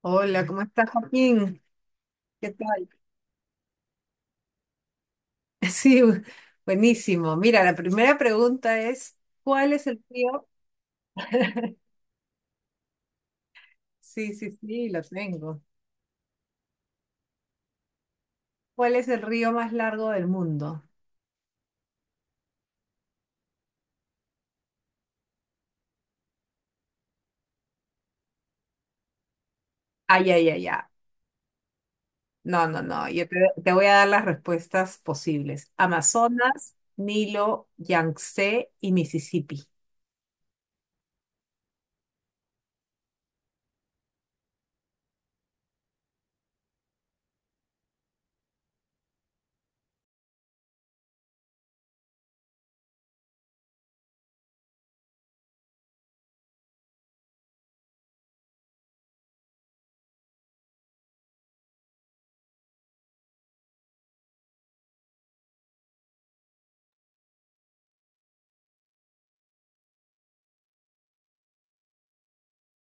Hola, ¿cómo estás, Joaquín? ¿Qué tal? Sí, buenísimo. Mira, la primera pregunta es, ¿cuál es el río? Sí, sí, sí, lo tengo. ¿Cuál es el río más largo del mundo? Ay, ay, ay, ay. No, no, no. Te voy a dar las respuestas posibles. Amazonas, Nilo, Yangtze y Mississippi.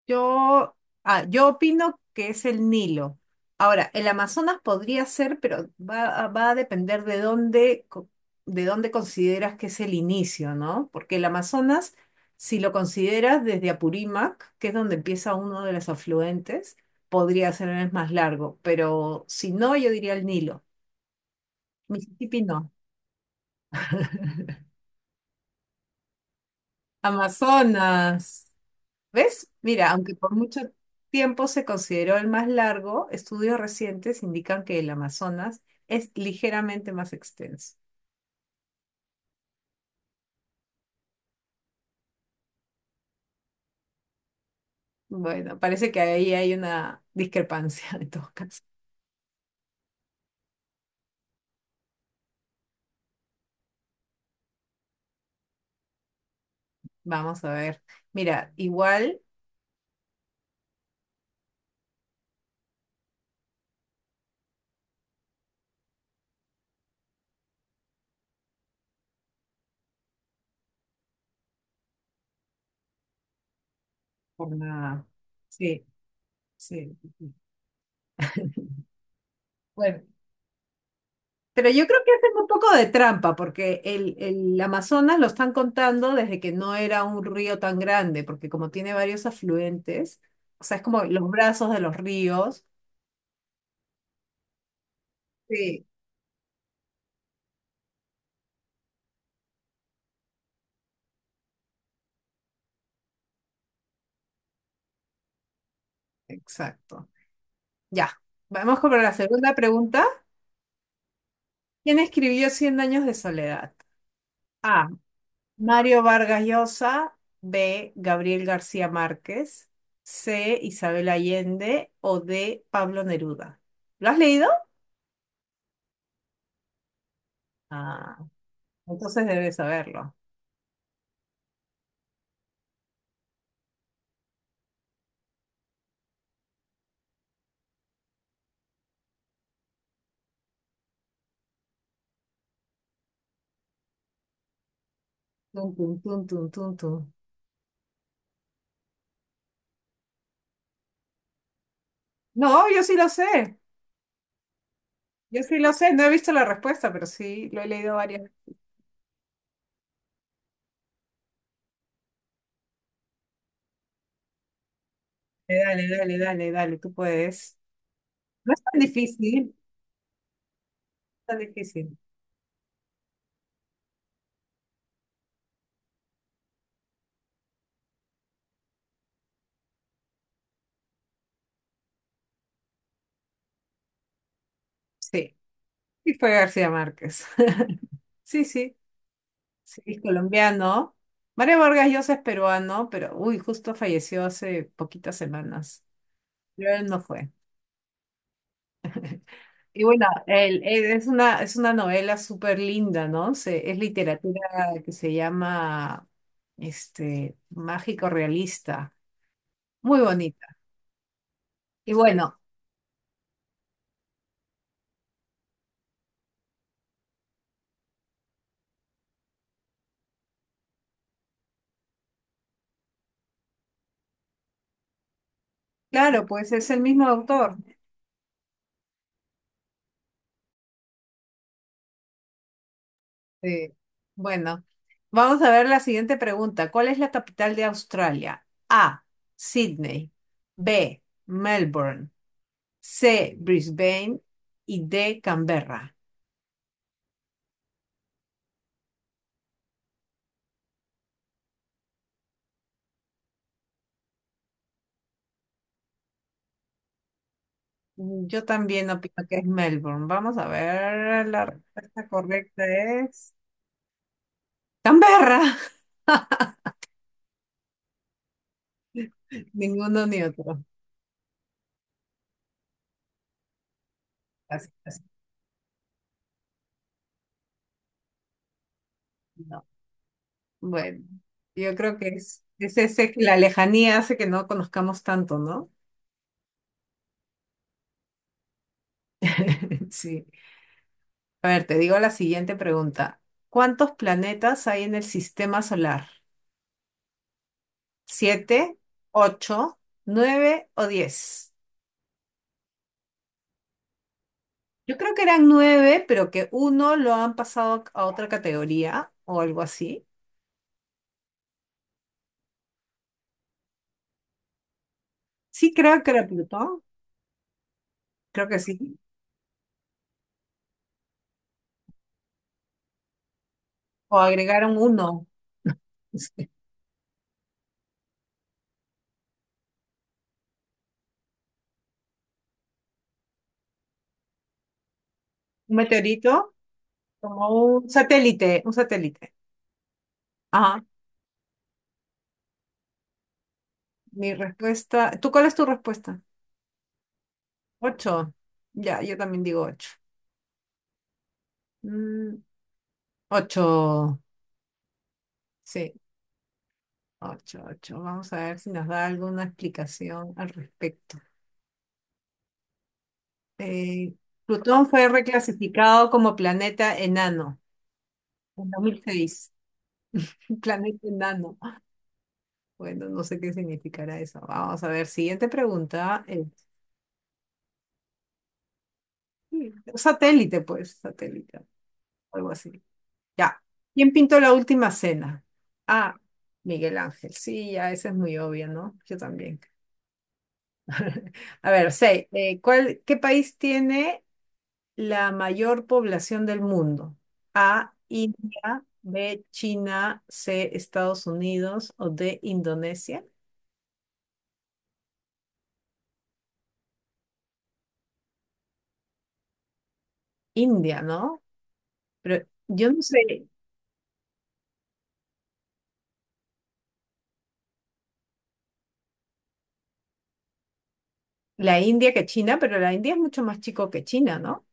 Yo, yo opino que es el Nilo. Ahora, el Amazonas podría ser, pero va a depender de de dónde consideras que es el inicio, ¿no? Porque el Amazonas, si lo consideras desde Apurímac, que es donde empieza uno de los afluentes, podría ser el más largo, pero si no, yo diría el Nilo. Mississippi no. Amazonas. ¿Ves? Mira, aunque por mucho tiempo se consideró el más largo, estudios recientes indican que el Amazonas es ligeramente más extenso. Bueno, parece que ahí hay una discrepancia en todo caso. Vamos a ver. Mira, igual por la- sí, sí, sí. Bueno, pero yo creo que hacen un poco de trampa porque el Amazonas lo están contando desde que no era un río tan grande, porque como tiene varios afluentes, o sea, es como los brazos de los ríos. Sí, exacto. Ya, vamos con la segunda pregunta. ¿Quién escribió Cien años de soledad? A. Mario Vargas Llosa. B. Gabriel García Márquez. C. Isabel Allende. O D. Pablo Neruda. ¿Lo has leído? Ah, entonces debes saberlo. Tun, tun, tun, tun, tun, tun. No, yo sí lo sé. Yo sí lo sé. No he visto la respuesta, pero sí lo he leído varias veces. Dale, dale, dale, dale. Tú puedes. No es tan difícil. Tan difícil. Sí. Sí, fue García Márquez. Sí, sí, sí, es colombiano. Mario Vargas Llosa es peruano, pero uy, justo falleció hace poquitas semanas. Pero él no fue. Y bueno, él es una novela súper linda, ¿no? Es literatura que se llama este, mágico realista. Muy bonita. Y bueno, claro, pues es el mismo autor. Sí. Bueno, vamos a ver la siguiente pregunta. ¿Cuál es la capital de Australia? A. Sydney. B. Melbourne. C. Brisbane. Y D. Canberra. Mm, yo también opino que es Melbourne. Vamos a ver. La respuesta correcta es Canberra. Ninguno ni otro. Así, así, no. Bueno, yo creo que es ese que la lejanía hace que no conozcamos tanto, ¿no? Sí. A ver, te digo la siguiente pregunta. ¿Cuántos planetas hay en el sistema solar? ¿Siete, ocho, nueve o diez? Yo creo que eran nueve, pero que uno lo han pasado a otra categoría o algo así. Sí, creo que era Plutón. Creo que sí. O agregaron uno. Un meteorito, como un satélite, un satélite. Ajá. Mi respuesta. ¿Tú cuál es tu respuesta? Ocho. Ya, yo también digo ocho. Mm, ocho. Sí. Ocho, ocho. Vamos a ver si nos da alguna explicación al respecto. Eh, Plutón fue reclasificado como planeta enano en 2006. Un planeta enano. Bueno, no sé qué significará eso. Vamos a ver. Siguiente pregunta. Sí, satélite, pues, satélite, algo así. Ya. ¿Quién pintó la última cena? Ah, Miguel Ángel. Sí, ya, esa es muy obvia, ¿no? Yo también. A ver, seis. ¿Cuál, qué país tiene la mayor población del mundo? A, India, B, China, C, Estados Unidos o D, Indonesia. India, ¿no? Pero yo no sé, la India que China, pero la India es mucho más chico que China, ¿no?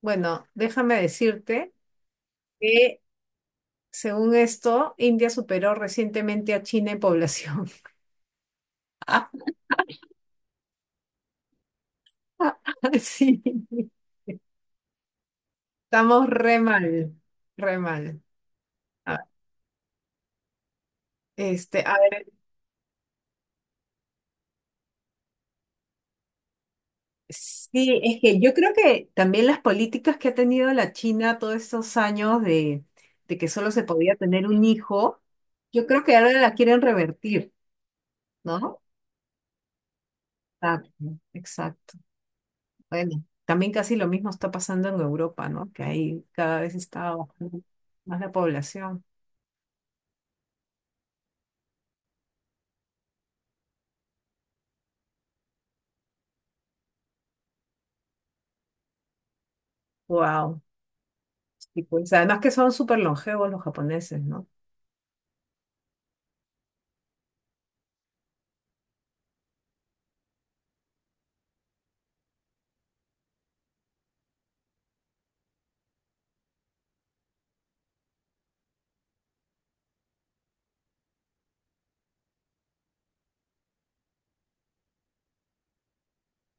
Bueno, déjame decirte que según esto, India superó recientemente a China en población. Sí, estamos re mal, re mal. A- Este, a sí, es que yo creo que también las políticas que ha tenido la China todos estos años de que solo se podía tener un hijo, yo creo que ahora la quieren revertir, ¿no? Exacto, exacto. Bueno, también casi lo mismo está pasando en Europa, ¿no? Que ahí cada vez está bajando más la población. Wow. Y pues además que son súper longevos los japoneses, ¿no?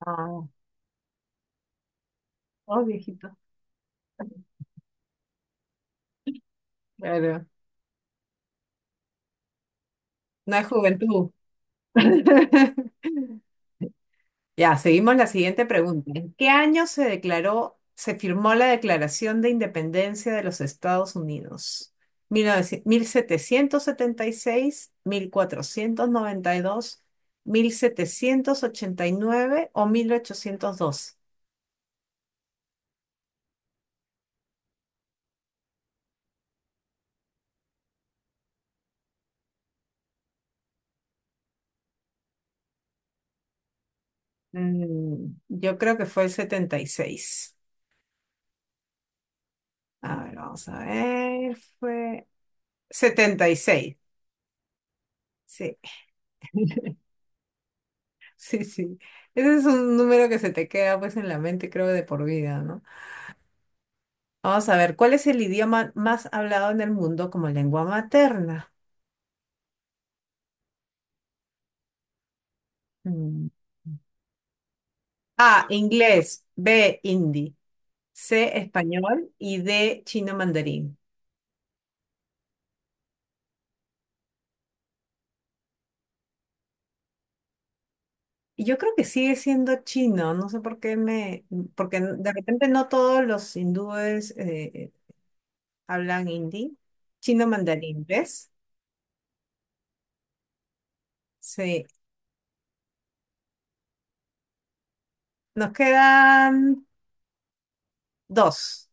Ah, oh, viejito. Claro. No hay juventud. Ya, seguimos la siguiente pregunta. ¿En qué año se declaró, se firmó la Declaración de Independencia de los Estados Unidos? Mil setecientos setenta y seis, mil cuatrocientos noventa y dos, mil setecientos ochenta y nueve o 1802? Mm, yo creo que fue el 76. A ver, vamos a ver. Fue 76. Sí, sí, sí. Ese es un número que se te queda pues en la mente, creo, de por vida, ¿no? Vamos a ver, ¿cuál es el idioma más hablado en el mundo como lengua materna? Mm. A, inglés, B, hindi, C, español y D, chino mandarín. Y yo creo que sigue siendo chino, no sé por qué me, porque de repente no todos los hindúes hablan hindi. Chino mandarín, ¿ves? Sí, nos quedan dos.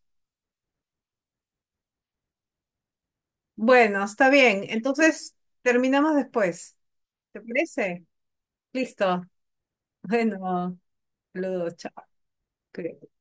Bueno, está bien, entonces terminamos después, ¿te parece? Listo. Bueno. Los dos, chao, creo.